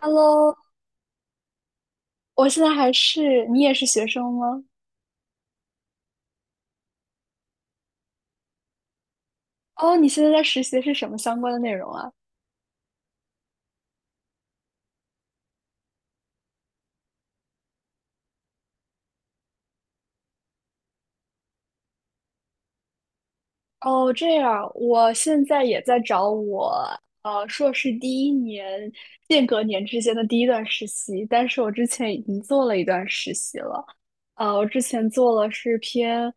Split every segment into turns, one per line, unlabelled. Hello，我现在还是，你也是学生吗？哦，你现在在实习的是什么相关的内容啊？哦，这样，我现在也在找我硕士第一年间隔年之间的第一段实习，但是我之前已经做了一段实习了。我之前做了是偏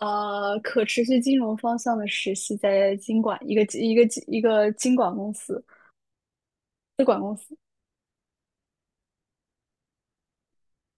可持续金融方向的实习，在金管一个金管公司。资管公司。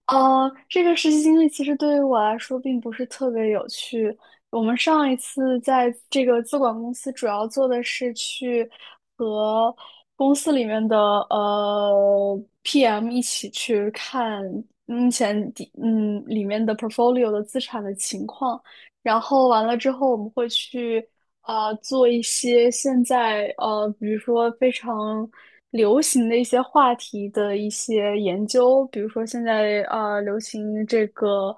这个实习经历其实对于我来说并不是特别有趣。我们上一次在这个资管公司，主要做的是去和公司里面的PM 一起去看目前里面的 portfolio 的资产的情况，然后完了之后，我们会去做一些现在比如说非常流行的一些话题的一些研究，比如说现在流行这个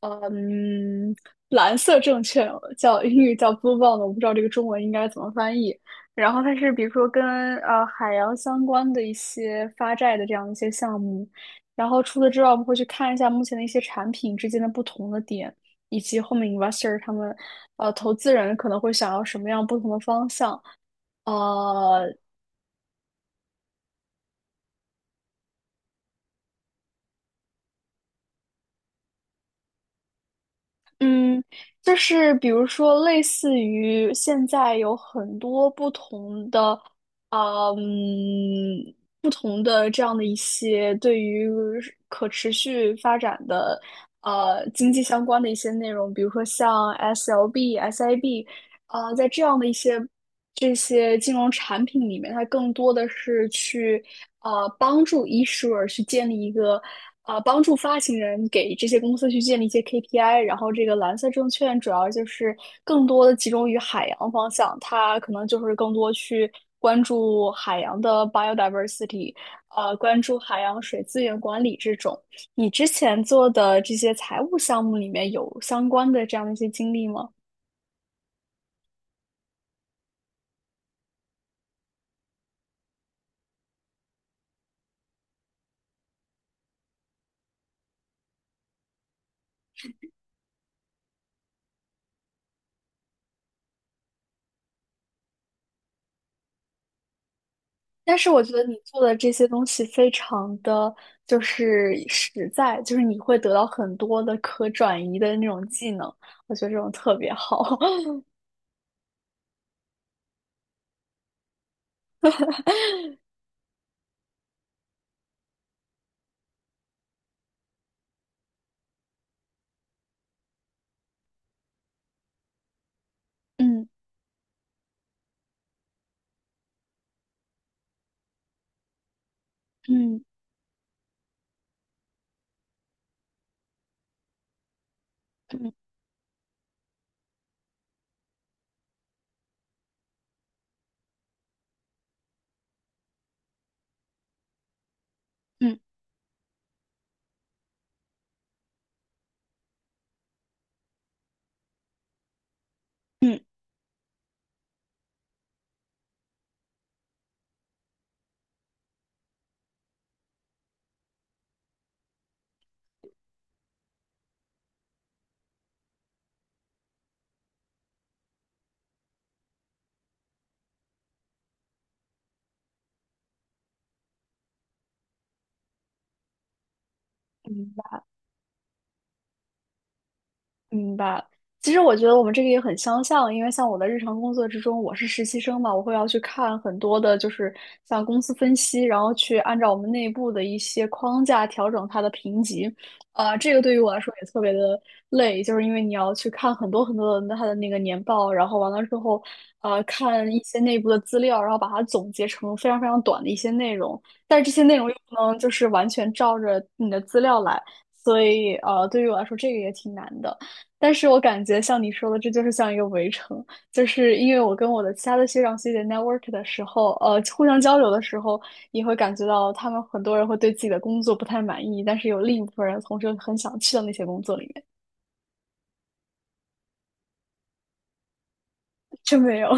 呃嗯蓝色证券，叫英语叫 blue bond，我不知道这个中文应该怎么翻译。然后它是比如说跟海洋相关的一些发债的这样一些项目，然后除此之外，我们会去看一下目前的一些产品之间的不同的点。以及后面 investor 他们，呃，投资人可能会想要什么样不同的方向？呃，嗯，就是比如说，类似于现在有很多不同的，呃嗯，不同的这样的一些对于可持续发展的，经济相关的一些内容，比如说像 SLB、SIB，呃，在这样的一些。这些金融产品里面，它更多的是去帮助 issuer 去建立一个帮助发行人给这些公司去建立一些 KPI，然后这个蓝色证券主要就是更多的集中于海洋方向，它可能就是更多去关注海洋的 biodiversity，关注海洋水资源管理这种。你之前做的这些财务项目里面有相关的这样的一些经历吗？但是我觉得你做的这些东西非常的就是实在，就是你会得到很多的可转移的那种技能，我觉得这种特别好。嗯嗯嗯嗯嗯嗯，明白。其实我觉得我们这个也很相像，因为像我的日常工作之中，我是实习生嘛，我会要去看很多的，就是像公司分析，然后去按照我们内部的一些框架调整它的评级。这个对于我来说也特别的累，就是因为你要去看很多很多的它的那个年报，然后完了之后，看一些内部的资料，然后把它总结成非常非常短的一些内容，但是这些内容又不能就是完全照着你的资料来，所以对于我来说这个也挺难的。但是我感觉像你说的，这就是像一个围城，就是因为我跟我的其他的学长学姐 network 的时候，互相交流的时候，你会感觉到他们很多人会对自己的工作不太满意，但是有另一部分人同时很想去到那些工作里面。真没有，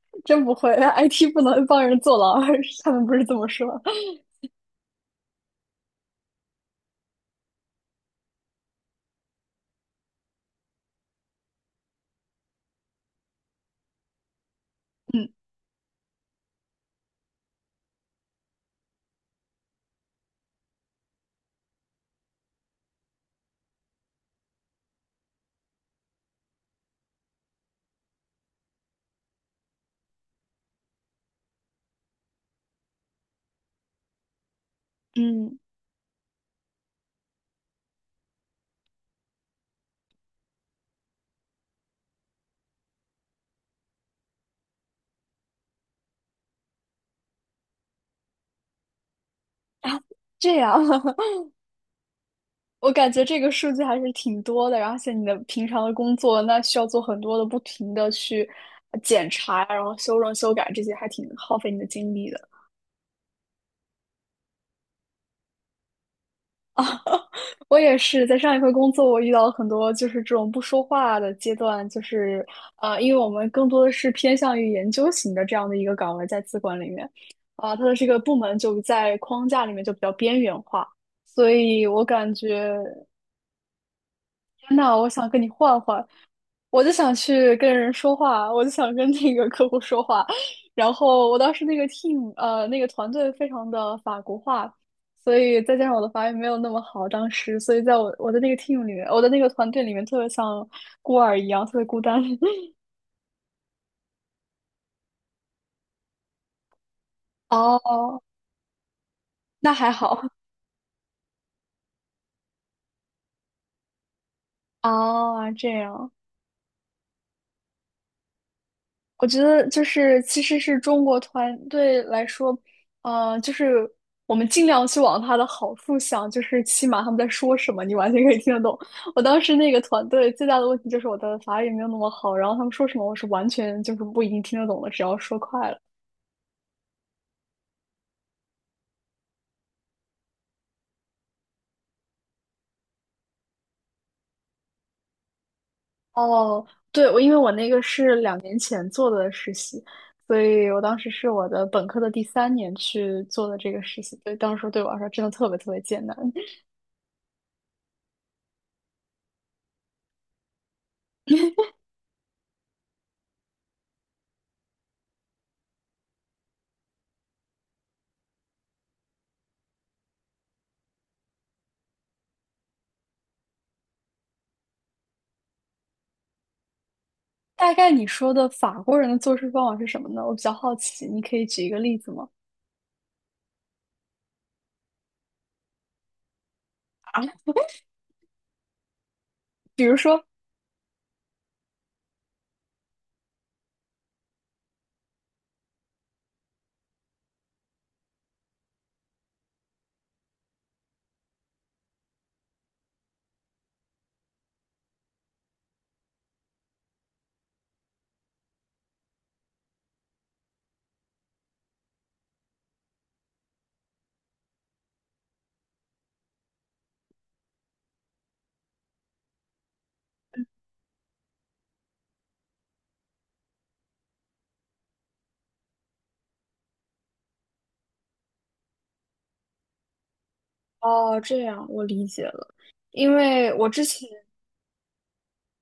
真不会，IT 不能帮人坐牢，他们不是这么说。嗯嗯。啊，这样。我感觉这个数据还是挺多的，而且你的平常的工作，那需要做很多的不停的去检查，然后修正、修改这些，还挺耗费你的精力的。我也是在上一份工作，我遇到了很多就是这种不说话的阶段，就是因为我们更多的是偏向于研究型的这样的一个岗位，在资管里面，啊、它的这个部门就在框架里面就比较边缘化，所以我感觉。那我想跟你换换，我就想去跟人说话，我就想跟那个客户说话。然后我当时那个 team 那个团队非常的法国化，所以再加上我的法语没有那么好，当时所以在我的那个 team 里面，我的那个团队里面特别像孤儿一样，特别孤单。哦，那还好。 哦，这样我觉得就是其实是中国团队来说，就是我们尽量去往它的好处想，就是起码他们在说什么，你完全可以听得懂。我当时那个团队最大的问题就是我的法语没有那么好，然后他们说什么我是完全就是不一定听得懂的，只要说快了。哦，对，我因为我那个是两年前做的实习，所以我当时是我的本科的第三年去做的这个实习，所以当时对我来说真的特别特别艰难。大概你说的法国人的做事方法是什么呢？我比较好奇，你可以举一个例子吗？比如说，哦，这样我理解了，因为我之前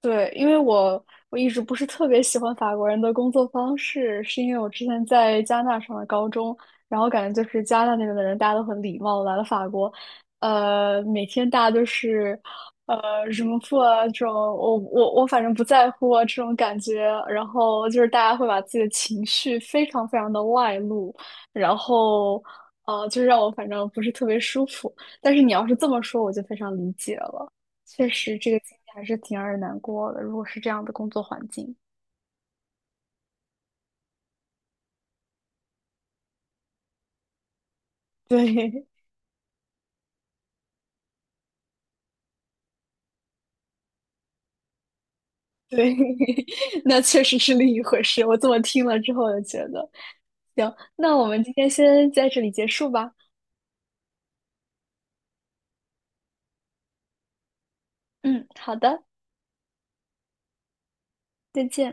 对，因为我一直不是特别喜欢法国人的工作方式，是因为我之前在加拿大上的高中，然后感觉就是加拿大那边的人大家都很礼貌，来了法国，每天大家都是什么破啊这种，我反正不在乎啊这种感觉，然后就是大家会把自己的情绪非常非常的外露，然后就让我反正不是特别舒服，但是你要是这么说，我就非常理解了。确实这个经历还是挺让人难过的。如果是这样的工作环境，对。 对，那确实是另一回事。我这么听了之后，就觉得行。那我们今天先在这里结束吧。嗯，好的，再见。